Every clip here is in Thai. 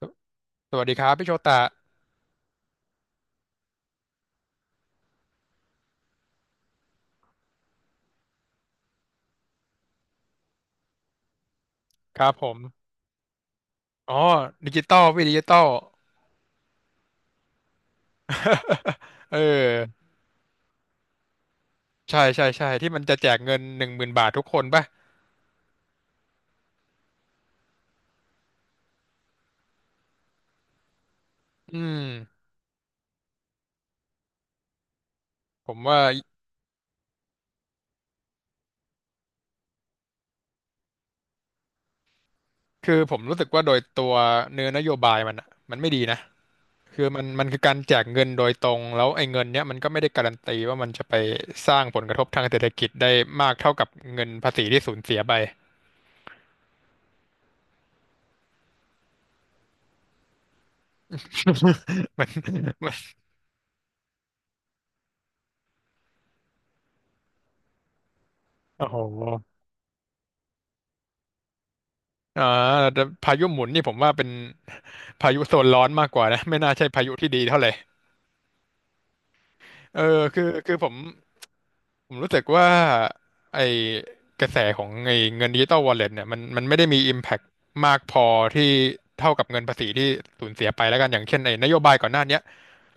สสวัสดีครับพี่โชตะครับผมอ๋อดิจิตอลพี่ดิจิตอล เออใช่ใช่ใช่ที่มันจะแจกเงิน10,000 บาททุกคนป่ะอืมผมว่าคือผมรู้สึกว่าโดยตัวเนื้อนโยบายมันอะมันไม่ดีนะคือมันคือการแจกเงินโดยตรงแล้วไอ้เงินเนี้ยมันก็ไม่ได้การันตีว่ามันจะไปสร้างผลกระทบทางเศรษฐกิจได้มากเท่ากับเงินภาษีที่สูญเสียไป มันมันโอ้โห อ่าแต่พายุหมุนนี่ผมว่าเป็น พายุโซนร้อนมากกว่านะไม่น่าใช่พายุที่ดีเท่าไหร่เออคือผม ผมรู้สึกว่าไอ้กระแสของไอ้เงินดิจิตอลวอลเล็ตเนี่ยมันไม่ได้มี Impact มากพอที่เท่ากับเงินภาษีที่สูญเสียไปแล้วกันอย่างเช่นไอ้นโยบายก่อนหน้าเนี้ย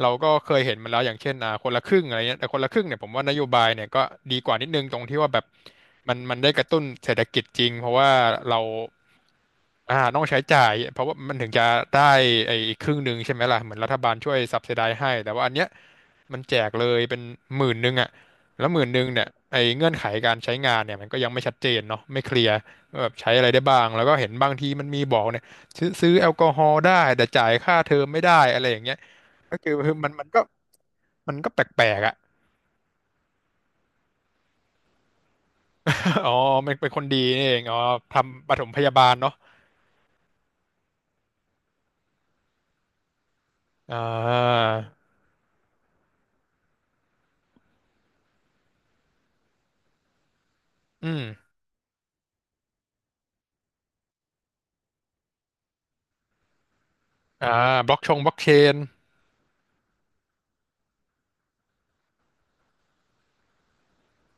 เราก็เคยเห็นมาแล้วอย่างเช่นอ่าคนละครึ่งอะไรเงี้ยแต่คนละครึ่งเนี่ยผมว่านโยบายเนี่ยก็ดีกว่านิดนึงตรงที่ว่าแบบมันได้กระตุ้นเศรษฐกิจจริงเพราะว่าเราอ่าต้องใช้จ่ายเพราะว่ามันถึงจะได้ไอ้อีกครึ่งหนึ่งใช่ไหมล่ะเหมือนรัฐบาลช่วยซับ s i ได z e ให้แต่ว่าอันเนี้ยมันแจกเลยเป็น10,000อ่ะ แล้ว10,000เนี่ยไอ้เงื่อนไขการใช้งานเนี่ยมันก็ยังไม่ชัดเจนเนาะไม่เคลียร์ว่าแบบใช้อะไรได้บ้างแล้วก็เห็นบางทีมันมีบอกเนี่ยซื้อแอลกอฮอล์ได้แต่จ่ายค่าเทอมไม่ได้อะไรอย่างเงี้ยก็คือมันก็มันก็แปลกๆอ่ะ อ๋อมันเป็นคนดีนี่เองอ๋อทำปฐมพยาบาลเนาะอ่าอืมอ่าบล็อกเชน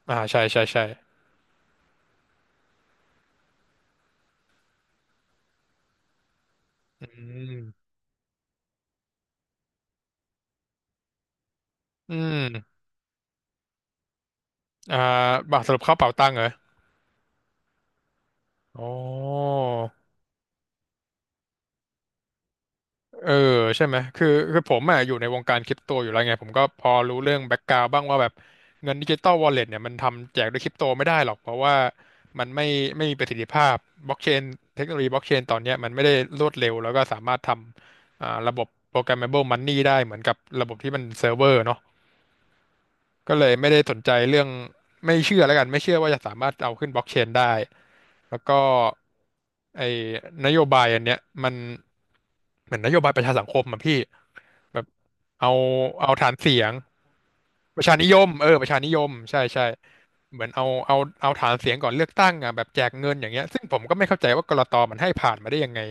อ่าใช่ใช่ใช่อืมอืมอ่าสรุปเข้าเป๋าตังค์เหรออ๋อ เออใช่ไหมคือผมอ่ะอยู่ในวงการคริปโตอยู่แล้วไงผมก็พอรู้เรื่องแบ็กกราวบ้างว่าแบบเงินดิจิตอลวอลเล็ตเนี่ยมันทำแจกด้วยคริปโตไม่ได้หรอกเพราะว่ามันไม่มีประสิทธิภาพบล็อกเชนเทคโนโลยีบล็อกเชนตอนเนี้ยมันไม่ได้รวดเร็วแล้วก็สามารถทำอ่าระบบ programmable money ได้เหมือนกับระบบที่มันเซิร์ฟเวอร์เนาะก็เลยไม่ได้สนใจเรื่องไม่เชื่อแล้วกันไม่เชื่อว่าจะสามารถเอาขึ้นบล็อกเชนได้แล้วก็ไอ้นโยบายอันเนี้ยมันเหมือนนโยบายประชาสังคมอะพี่ แบบเอาเอาฐานเสียงประชานิยมเออประชานิยมใช่ใช่เหมือนเอาฐานเสียงก่อนเลือกตั้งอ่ะแบบแจกเงินอย่างเงี้ยซึ่งผมก็ไม่เข้าใจว่ากลตมันให้ผ่านมาได้ยังไง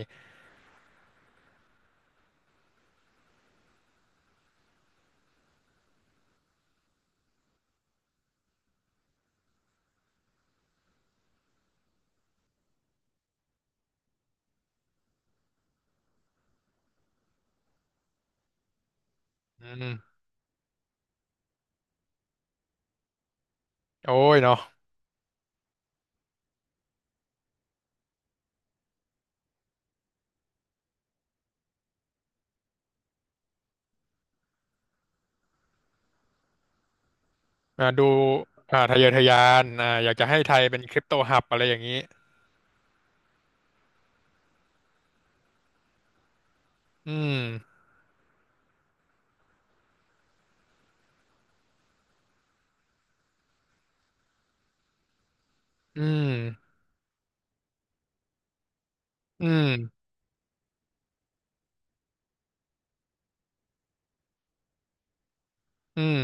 อืมโอ้ยเนาะอ่าดูอ่าทะเยอทะยานอ่าอยากจะให้ไทยเป็นคริปโตฮับอะไรอย่างนี้อืมอืมอืมอืม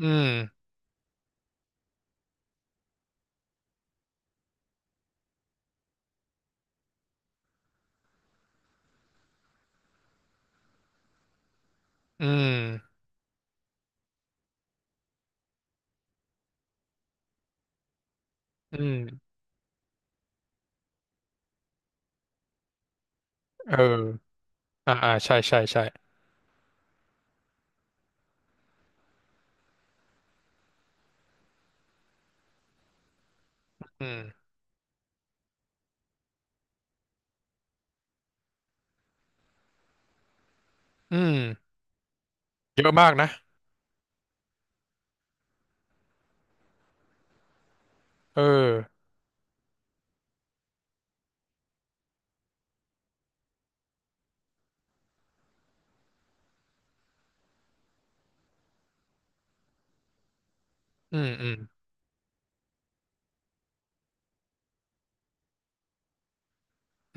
อืมอืมอืมเอออ่าอ่าใช่ใช่ใช่อืมอืมเยอะมากนะเอออืมอืม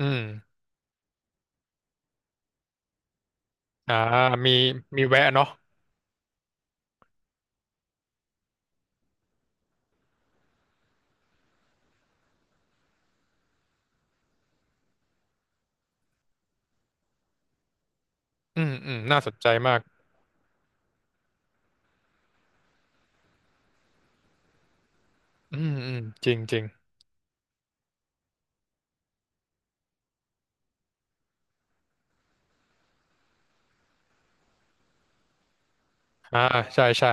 อืม อ่ามีมีแวะเนาะอืมอืมน่าสนใจมากอืมอืมจริงจริงอ่าใช่ใช่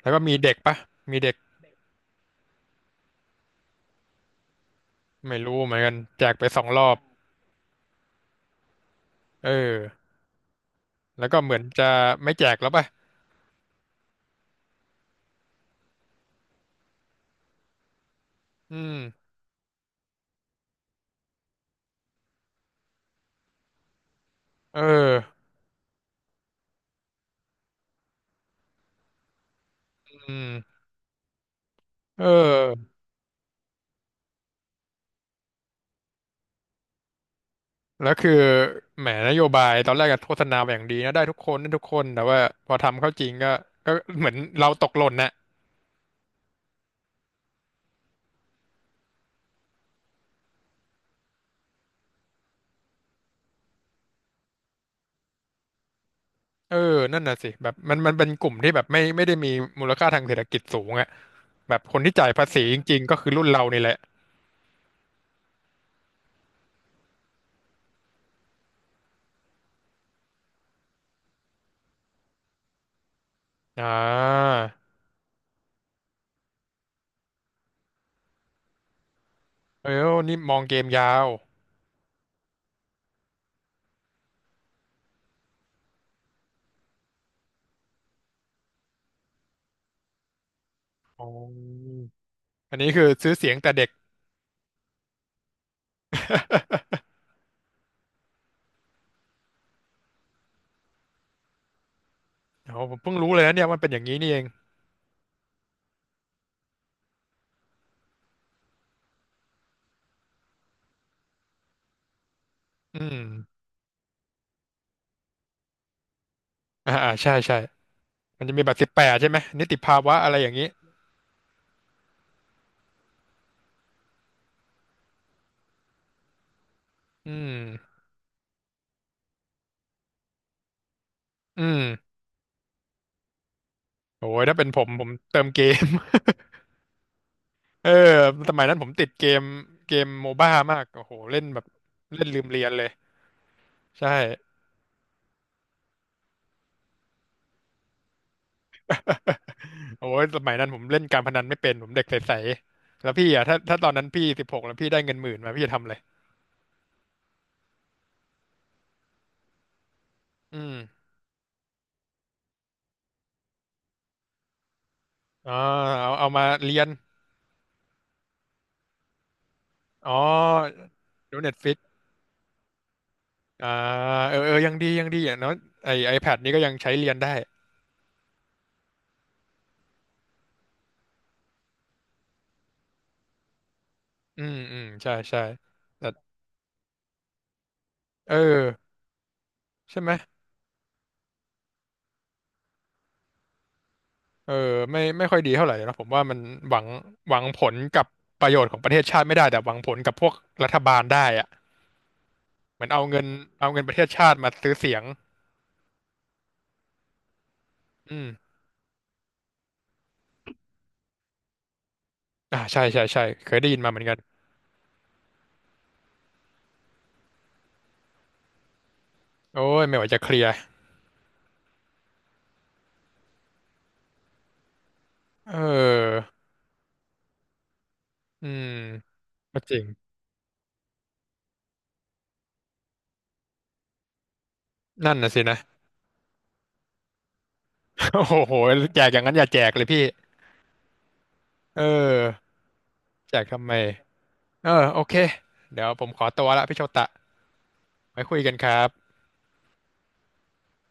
แล้วก็มีเด็กปะมีเด็กไม่รู้เหมือนกันแจกไปสองรอบเออแล้วก็เหมือนจะไม่แจกแล้วปะอืมเอออืมเออแล้วคือแหมนโยบายตอนแรกก็โฆษณาไบบอย่างดีนะได้ทุกคนได้ทุกคนแต่ว่าพอทำเข้าจริงก็ก็เหมือนเราตกหล่นนะเออนั่นน่ะสิแบบมันมันเป็นกลุ่มที่แบบไม่ได้มีมูลค่าทางเศรษฐกิจสูงอะ แบบคนที่จ่ายภาษีจริงๆก็คือรุ่นเรานี่แหละ อ่า เออนี่มองเกมยาวอ๋ออันนี้คือซื้อเสียงแต่เด็ก โอ้ผมเพิ่งรู้เลยนะเนี่ยมันเป็นอย่างนี้นี่เองอืมอ่า อ่า ใช่ ใช่ มันจะมีบัตร18ใช่ไหม นิติภาวะอะไรอย่างนี้ อืมอืมโอ้ย ถ้าเป็นผมผมเติมเกม เออสมัยนั้นผมติดเกมเกมโมบ้ามากโอ้โหเล่นแบบเล่นลืมเรียนเลยใช่ โอ้ยสมัยนั้นผมเล่นการพนันไม่เป็นผมเด็กใสๆแล้วพี่อ่ะถ้าตอนนั้นพี่16แล้วพี่ได้เงิน 10,000มาพี่จะทำอะไรอืมอ๋อเอามาเรียนอ๋อดูเน็ตฟิกอ่าเออเออยังดียังดีอย่างน้อยไอแพดนี้ก็ยังใช้เรียนได้อืมอืมใช่ใช่แต่เออใช่ไหมเออไม่ค่อยดีเท่าไหร่นะผมว่ามันหวังผลกับประโยชน์ของประเทศชาติไม่ได้แต่หวังผลกับพวกรัฐบาลได้อะเหมือนเอาเงินประเทศชาติมาซื้อเสียงอืม อ่าใช่ใช่ใช่เคยได้ยินมาเหมือนกันโอ้ยไม่ไหวจะเคลียร์เอออืมก็จริงนั่นน่ะสินะ โอ้โหแจกอย่างนั้นอย่าแจกเลยพี่เออแจกทำไมเออโอเคเดี๋ยวผมขอตัวละพี่โชตะไว้คุยกันครับ